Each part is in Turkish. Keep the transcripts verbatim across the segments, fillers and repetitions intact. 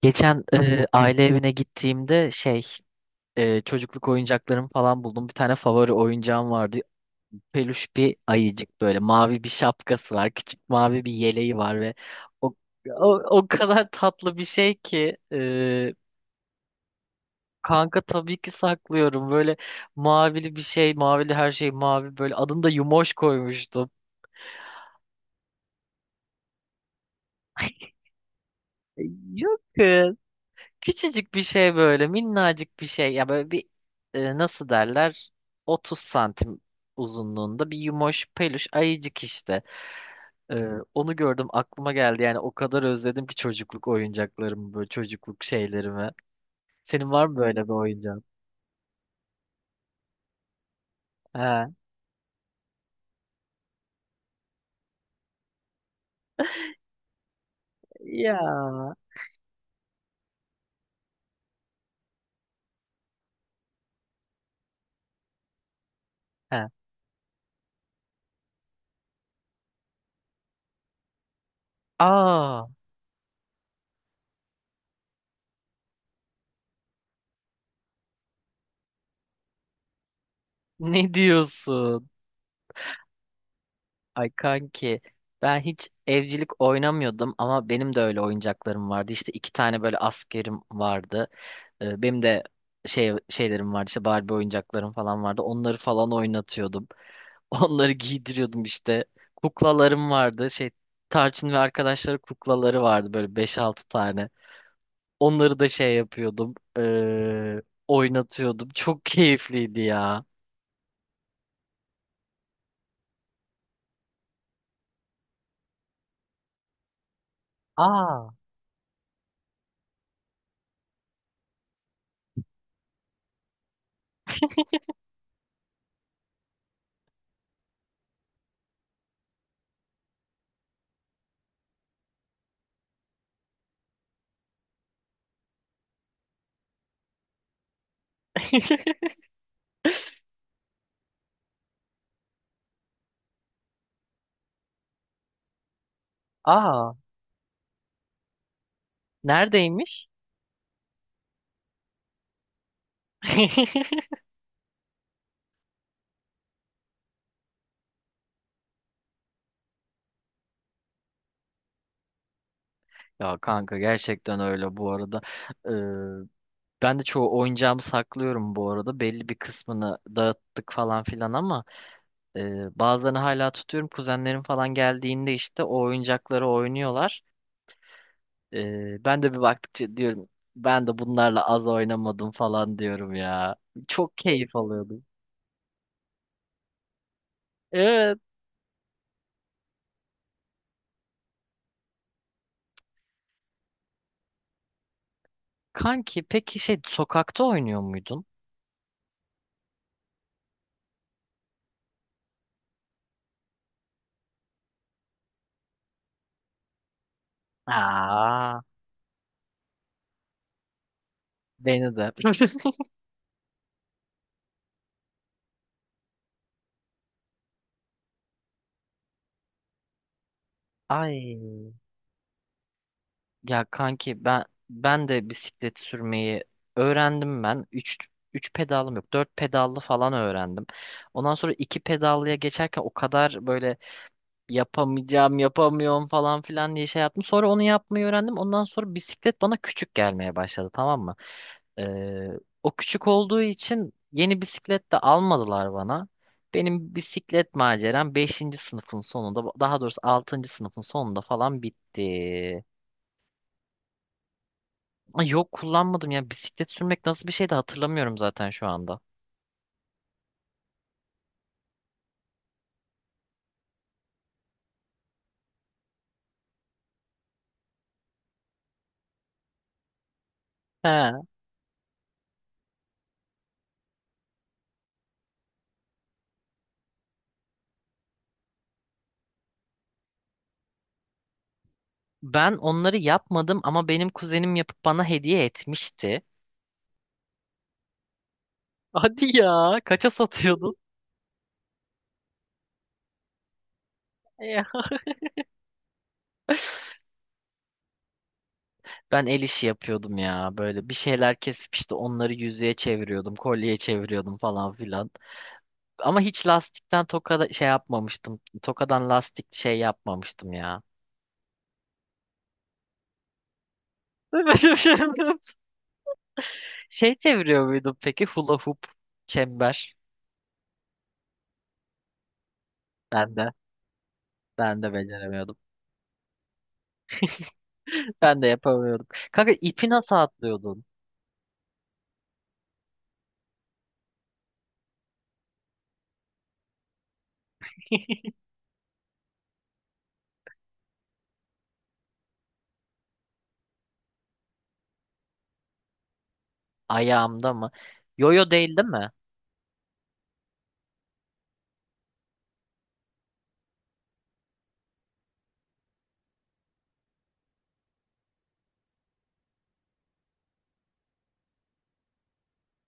Geçen e, aile evine gittiğimde şey e, çocukluk oyuncaklarımı falan buldum. Bir tane favori oyuncağım vardı. Peluş bir ayıcık böyle mavi bir şapkası var. Küçük mavi bir yeleği var ve o o, o kadar tatlı bir şey ki e, kanka tabii ki saklıyorum. Böyle mavili bir şey, mavili her şey mavi böyle adını da Yumoş koymuştum. Yok. Küçücük bir şey böyle minnacık bir şey ya böyle bir e, nasıl derler otuz santim uzunluğunda bir yumoş peluş ayıcık işte. E, Onu gördüm aklıma geldi yani o kadar özledim ki çocukluk oyuncaklarımı böyle çocukluk şeylerimi. Senin var mı böyle bir oyuncağın? Ha. Ya. Ha. Aa, ne diyorsun? Ay kanki, ben hiç evcilik oynamıyordum ama benim de öyle oyuncaklarım vardı. İşte iki tane böyle askerim vardı. E, benim de şey şeylerim vardı işte Barbie oyuncaklarım falan vardı. Onları falan oynatıyordum. Onları giydiriyordum işte. Kuklalarım vardı. Şey Tarçın ve arkadaşları kuklaları vardı böyle beş altı tane. Onları da şey yapıyordum. E, oynatıyordum. Çok keyifliydi ya. Aa. Aa. Neredeymiş? Ya kanka gerçekten öyle bu arada. Ben de çoğu oyuncağımı saklıyorum bu arada. Belli bir kısmını dağıttık falan filan ama e, bazılarını hala tutuyorum. Kuzenlerim falan geldiğinde işte o oyuncakları oynuyorlar. E, ben de bir baktıkça diyorum ben de bunlarla az oynamadım falan diyorum ya. Çok keyif alıyordum. Evet. Kanki peki şey sokakta oynuyor muydun? Aa, beni de. Ay. Ya kanki ben, ben de bisiklet sürmeyi öğrendim ben. üç üç pedalım yok. Dört pedallı falan öğrendim. Ondan sonra iki pedallıya geçerken o kadar böyle yapamayacağım, yapamıyorum falan filan diye şey yaptım. Sonra onu yapmayı öğrendim. Ondan sonra bisiklet bana küçük gelmeye başladı, tamam mı? Ee, O küçük olduğu için yeni bisiklet de almadılar bana. Benim bisiklet maceram beşinci sınıfın sonunda, daha doğrusu altıncı sınıfın sonunda falan bitti. Ay yok, kullanmadım ya bisiklet sürmek nasıl bir şey de hatırlamıyorum zaten şu anda. He. Ben onları yapmadım ama benim kuzenim yapıp bana hediye etmişti. Hadi ya. Kaça satıyordun? E, Ben el işi yapıyordum ya böyle bir şeyler kesip işte onları yüzüğe çeviriyordum, kolyeye çeviriyordum falan filan. Ama hiç lastikten tokada şey yapmamıştım. Tokadan lastik şey yapmamıştım ya. Şey çeviriyor muydum peki, hula hoop, çember? Ben de. Ben de beceremiyordum. Ben de yapamıyordum. Kanka ipi nasıl atlıyordun? Ayağımda mı? Yoyo değil, değil mi?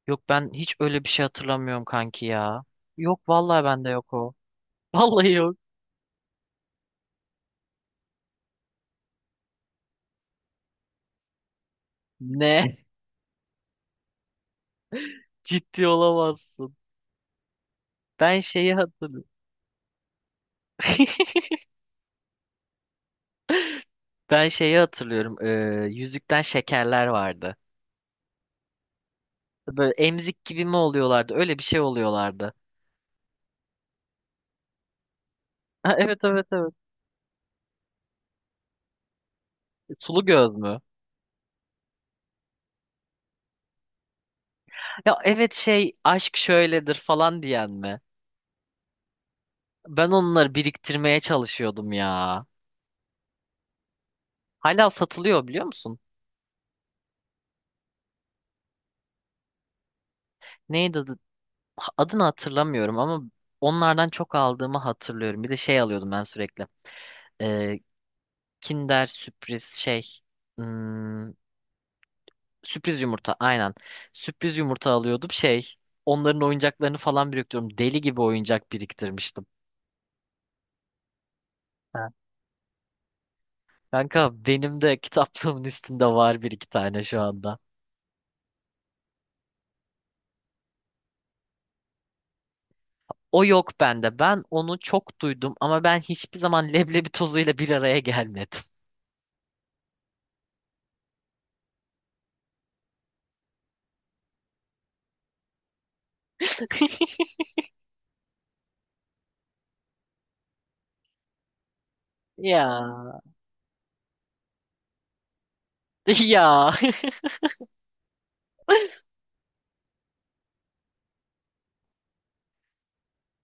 Yok ben hiç öyle bir şey hatırlamıyorum kanki ya. Yok vallahi bende yok o. Vallahi yok. Ne? Ciddi olamazsın. Ben şeyi hatırlıyorum. Ben şeyi hatırlıyorum. Ee, yüzükten şekerler vardı. Böyle emzik gibi mi oluyorlardı? Öyle bir şey oluyorlardı. Ha, evet, evet, evet. Sulu göz mü? Ya evet, şey aşk şöyledir falan diyen mi? Ben onları biriktirmeye çalışıyordum ya. Hala satılıyor biliyor musun? Neydi adı? Adını hatırlamıyorum ama onlardan çok aldığımı hatırlıyorum. Bir de şey alıyordum ben sürekli. Ee, Kinder sürpriz şey. Hmm, sürpriz yumurta aynen. Sürpriz yumurta alıyordum şey. Onların oyuncaklarını falan biriktiriyorum. Deli gibi oyuncak biriktirmiştim. Ha. Kanka benim de kitaplığımın üstünde var bir iki tane şu anda. O yok bende. Ben onu çok duydum ama ben hiçbir zaman leblebi tozuyla bir araya gelmedim. Ya. Ya.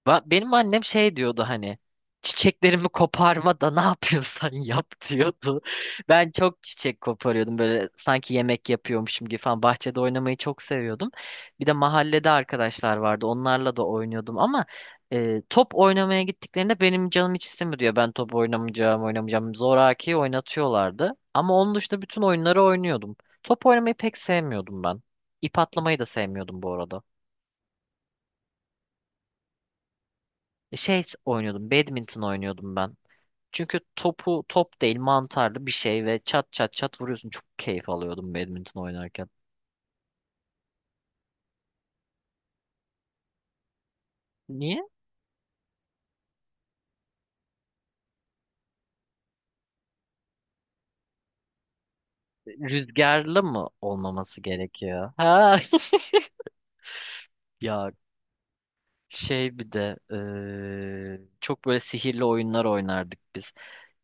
Ba- Benim annem şey diyordu hani çiçeklerimi koparma da ne yapıyorsan yap diyordu. Ben çok çiçek koparıyordum böyle sanki yemek yapıyormuşum gibi falan, bahçede oynamayı çok seviyordum. Bir de mahallede arkadaşlar vardı onlarla da oynuyordum ama e, top oynamaya gittiklerinde benim canım hiç istemiyor diyor. Ben top oynamayacağım oynamayacağım zoraki oynatıyorlardı. Ama onun dışında bütün oyunları oynuyordum. Top oynamayı pek sevmiyordum ben. İp atlamayı da sevmiyordum bu arada. E, Şey oynuyordum, badminton oynuyordum ben. Çünkü topu top değil, mantarlı bir şey ve çat çat çat vuruyorsun. Çok keyif alıyordum badminton oynarken. Niye? Rüzgarlı mı olmaması gerekiyor? Ha. Ya şey bir de eee, çok böyle sihirli oyunlar oynardık biz.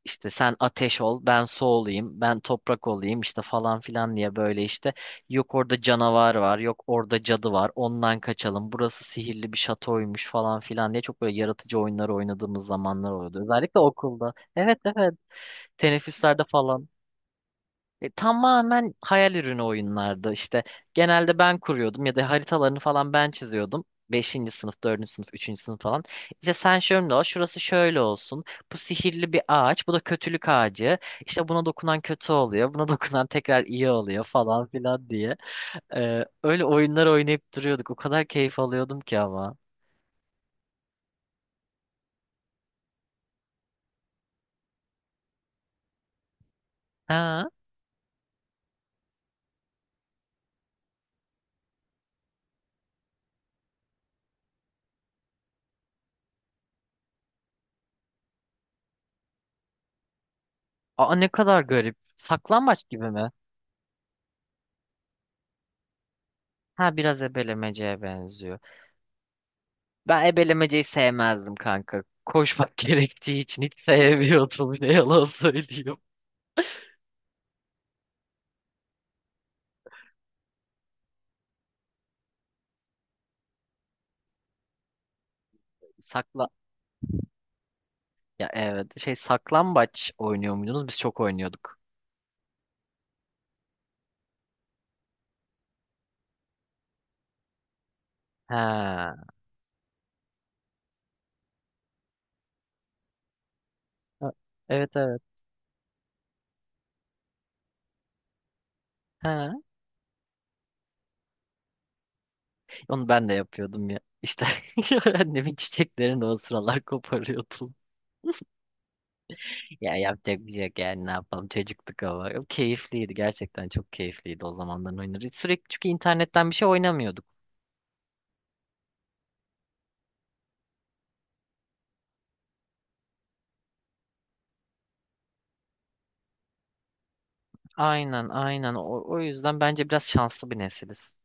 İşte sen ateş ol, ben su olayım, ben toprak olayım işte falan filan diye, böyle işte yok orada canavar var, yok orada cadı var, ondan kaçalım, burası sihirli bir şatoymuş falan filan diye çok böyle yaratıcı oyunları oynadığımız zamanlar oluyordu. Özellikle okulda. Evet, evet, teneffüslerde falan. E, tamamen hayal ürünü oyunlardı işte. Genelde ben kuruyordum ya da haritalarını falan ben çiziyordum. Beşinci sınıf, dördüncü sınıf, üçüncü sınıf falan. İşte sen şöyle ol, şurası şöyle olsun. Bu sihirli bir ağaç, bu da kötülük ağacı. İşte buna dokunan kötü oluyor, buna dokunan tekrar iyi oluyor falan filan diye. E, öyle oyunlar oynayıp duruyorduk. O kadar keyif alıyordum ki ama. Ha? Aa ne kadar garip. Saklambaç gibi mi? Ha, biraz ebelemeceye benziyor. Ben ebelemeceyi sevmezdim kanka. Koşmak gerektiği için hiç sevmiyordum. Ne yalan söyleyeyim. Sakla Ya evet, şey saklambaç oynuyor muydunuz? Biz çok oynuyorduk. Ha. Evet, evet. Ha. Onu ben de yapıyordum ya. İşte annemin çiçeklerini o sıralar koparıyordum. Ya yapacak bir şey yok yani, ne yapalım çocuktuk ama. Keyifliydi, gerçekten çok keyifliydi o zamanların oyunları. Sürekli çünkü internetten bir şey oynamıyorduk. Aynen aynen, o, o yüzden bence biraz şanslı bir nesiliz.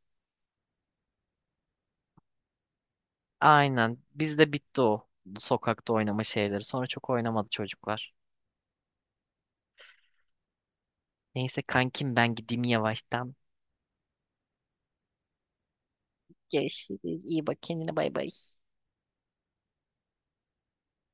Aynen. Bizde bitti o sokakta oynama şeyleri. Sonra çok oynamadı çocuklar. Neyse kankim, ben gideyim yavaştan. Görüşürüz. İyi bak kendine, bay bay.